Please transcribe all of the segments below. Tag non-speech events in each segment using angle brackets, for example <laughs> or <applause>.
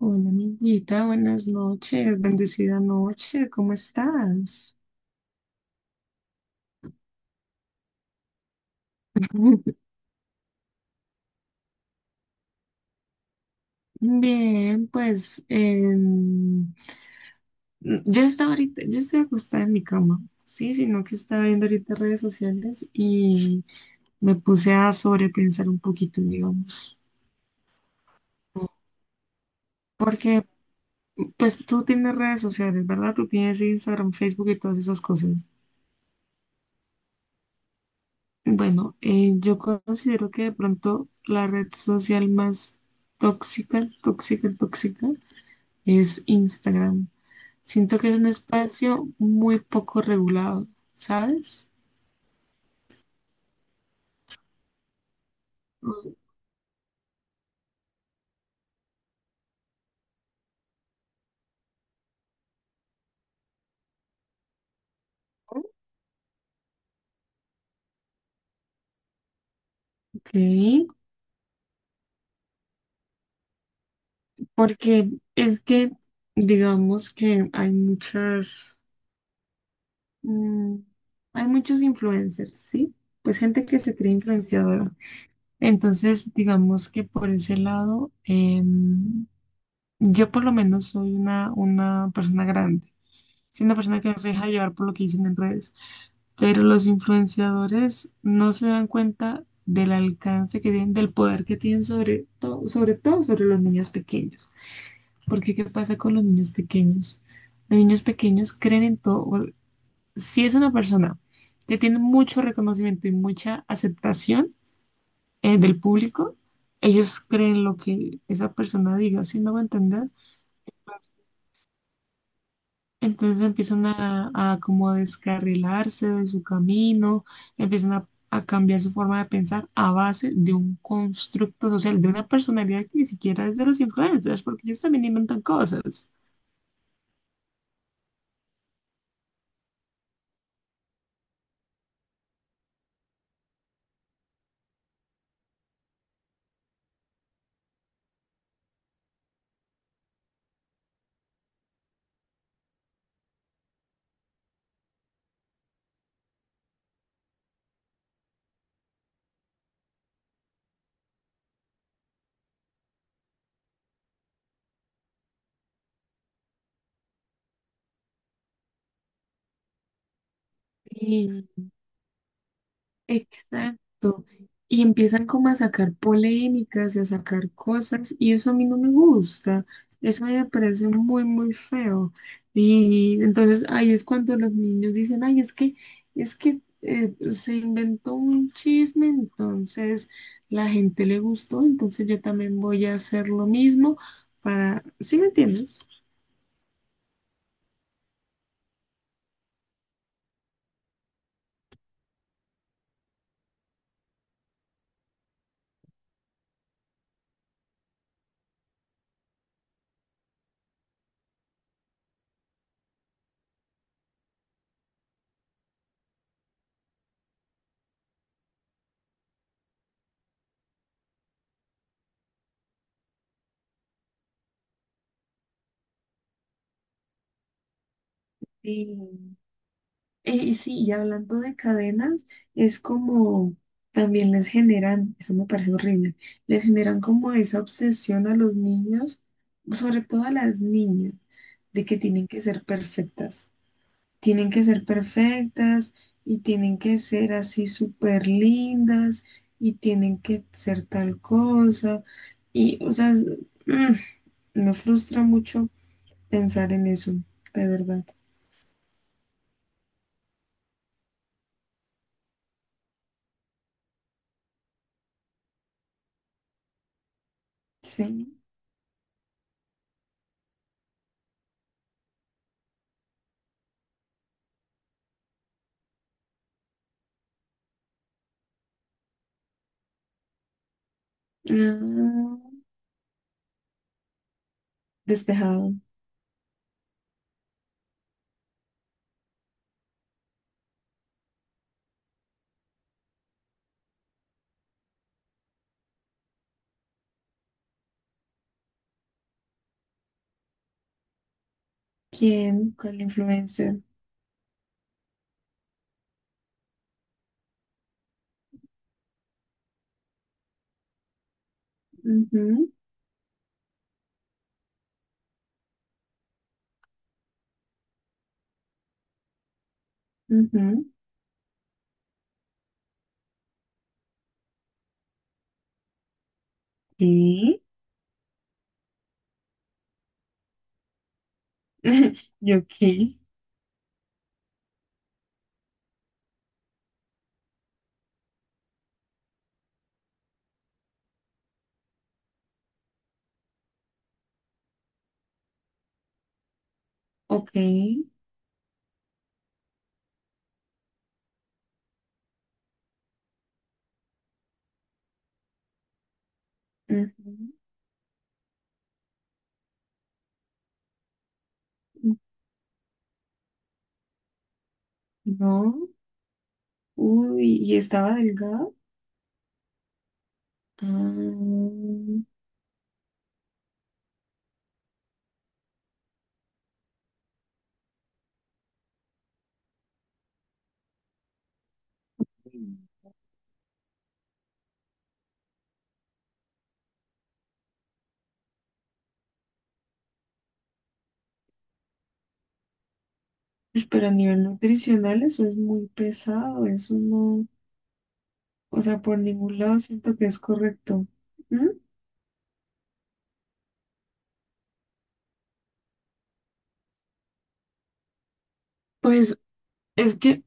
Hola, amiguita, buenas noches, bendecida noche, ¿cómo estás? <laughs> Bien, pues yo estoy acostada en mi cama, sí, sino que estaba viendo ahorita redes sociales y me puse a sobrepensar un poquito, digamos. Porque, pues tú tienes redes sociales, ¿verdad? Tú tienes Instagram, Facebook y todas esas cosas. Bueno, yo considero que de pronto la red social más tóxica, tóxica, tóxica es Instagram. Siento que es un espacio muy poco regulado, ¿sabes? Ujú. Ok, porque es que digamos que hay muchas, mm, hay muchos influencers, ¿sí? Pues gente que se cree influenciadora. Entonces, digamos que por ese lado, yo por lo menos soy una persona grande. Soy una persona que no se deja llevar por lo que dicen en redes. Pero los influenciadores no se dan cuenta del alcance que tienen, del poder que tienen sobre todo, sobre todo sobre los niños pequeños. Porque ¿qué pasa con los niños pequeños? Los niños pequeños creen en todo. Si es una persona que tiene mucho reconocimiento y mucha aceptación del público, ellos creen lo que esa persona diga, ¿si no me voy a entender? Entonces empiezan a como a descarrilarse de su camino, empiezan a cambiar su forma de pensar a base de un constructo social, de una personalidad que ni siquiera es de los influencers, porque ellos también inventan cosas. Exacto. Y empiezan como a sacar polémicas y a sacar cosas y eso a mí no me gusta. Eso a mí me parece muy, muy feo. Y entonces ahí es cuando los niños dicen, ay, es que se inventó un chisme, entonces la gente le gustó, entonces yo también voy a hacer lo mismo para, ¿sí me entiendes? Sí. Y sí, y hablando de cadenas, es como también les generan, eso me parece horrible, les generan como esa obsesión a los niños, sobre todo a las niñas, de que tienen que ser perfectas, tienen que ser perfectas y tienen que ser así súper lindas y tienen que ser tal cosa. Y, o sea, <clears throat> mm, me frustra mucho pensar en eso, de verdad. Sí. Ah, despejado. ¿Quién? ¿Cuál influencer? Ujú, ujú. ¿Qué? <laughs> ¿Yo qué? Ok. Ujú, ujú. No. Uy, ¿y estaba delgado? Ah, pues, pero a nivel nutricional eso es muy pesado. Eso no. O sea, por ningún lado siento que es correcto. ¿Mm? Pues es que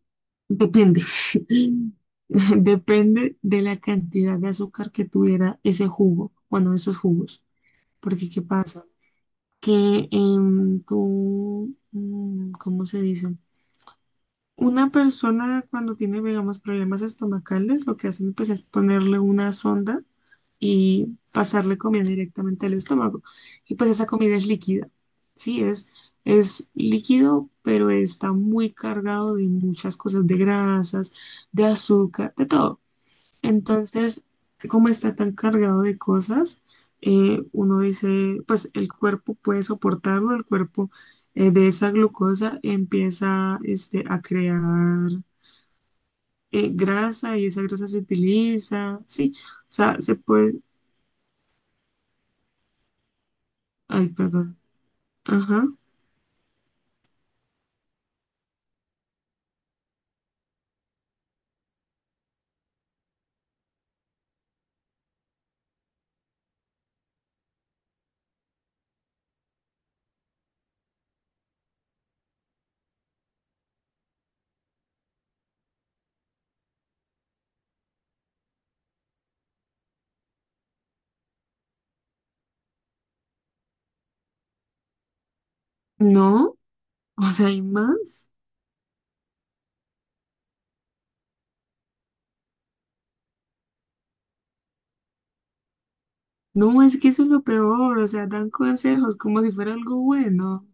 depende. <laughs> Depende de la cantidad de azúcar que tuviera ese jugo, bueno, esos jugos. Porque, ¿qué pasa? Que en tu, ¿cómo se dice? Una persona cuando tiene, digamos, problemas estomacales, lo que hacen pues es ponerle una sonda y pasarle comida directamente al estómago. Y pues esa comida es líquida, sí, es líquido, pero está muy cargado de muchas cosas, de grasas, de azúcar, de todo. Entonces, como está tan cargado de cosas, uno dice, pues el cuerpo puede soportarlo, el cuerpo de esa glucosa empieza este, a crear grasa y esa grasa se utiliza, sí, o sea, se puede, ay, perdón. Ajá, no, o sea, hay más. No, es que eso es lo peor, o sea, dan consejos como si fuera algo bueno.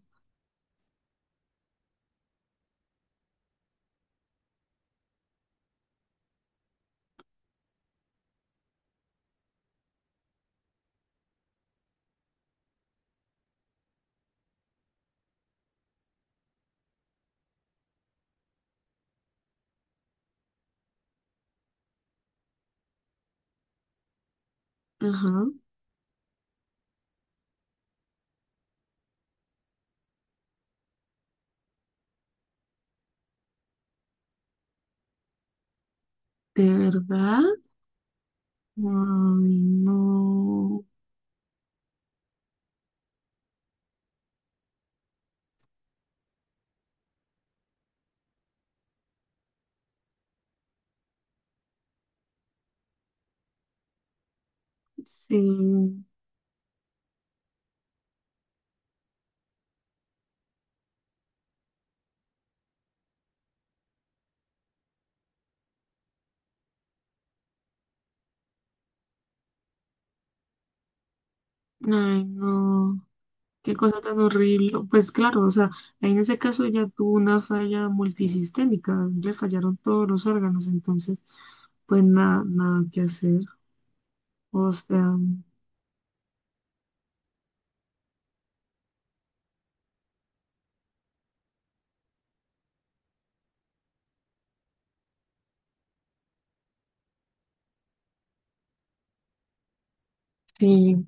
Ajá, ¿de verdad? Ay, no, sí, ay, no, qué cosa tan horrible. Pues claro, o sea, en ese caso ya tuvo una falla multisistémica, le fallaron todos los órganos, entonces, pues nada, nada que hacer. O sea, sí,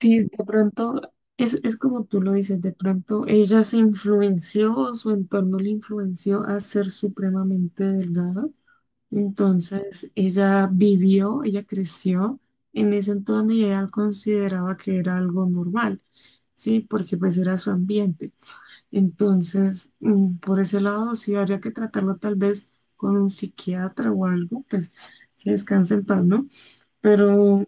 sí, de pronto es como tú lo dices, de pronto ella se influenció o su entorno le influenció a ser supremamente delgada. Entonces ella vivió, ella creció en ese entorno y ella consideraba que era algo normal, ¿sí? Porque pues era su ambiente. Entonces, por ese lado, sí habría que tratarlo tal vez con un psiquiatra o algo, pues que descanse en paz, ¿no? Pero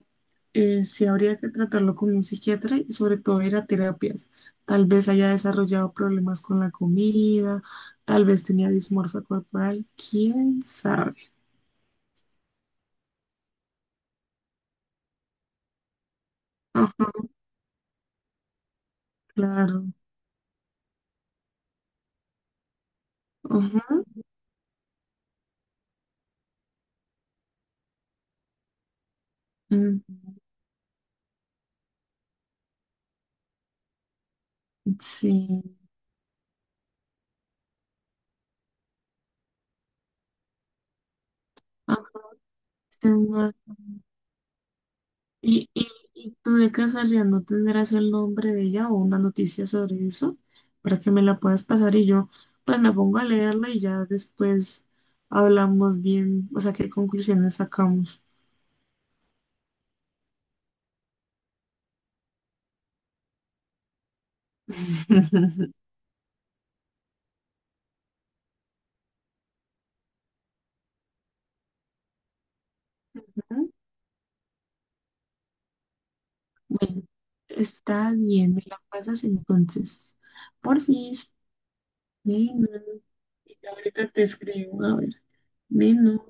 sí habría que tratarlo con un psiquiatra y sobre todo ir a terapias. Tal vez haya desarrollado problemas con la comida, tal vez tenía dismorfia corporal, quién sabe. Ajá, claro. Ajá. Mm, sí. Ah, sí, ¿y, y tú de casualidad no tendrás el nombre de ella o una noticia sobre eso para que me la puedas pasar y yo pues me pongo a leerla y ya después hablamos bien, o sea, qué conclusiones sacamos? <laughs> Ujú. Bueno, está bien, me la pasas entonces. Porfis, menos. Y ahorita te escribo, a ver, menos.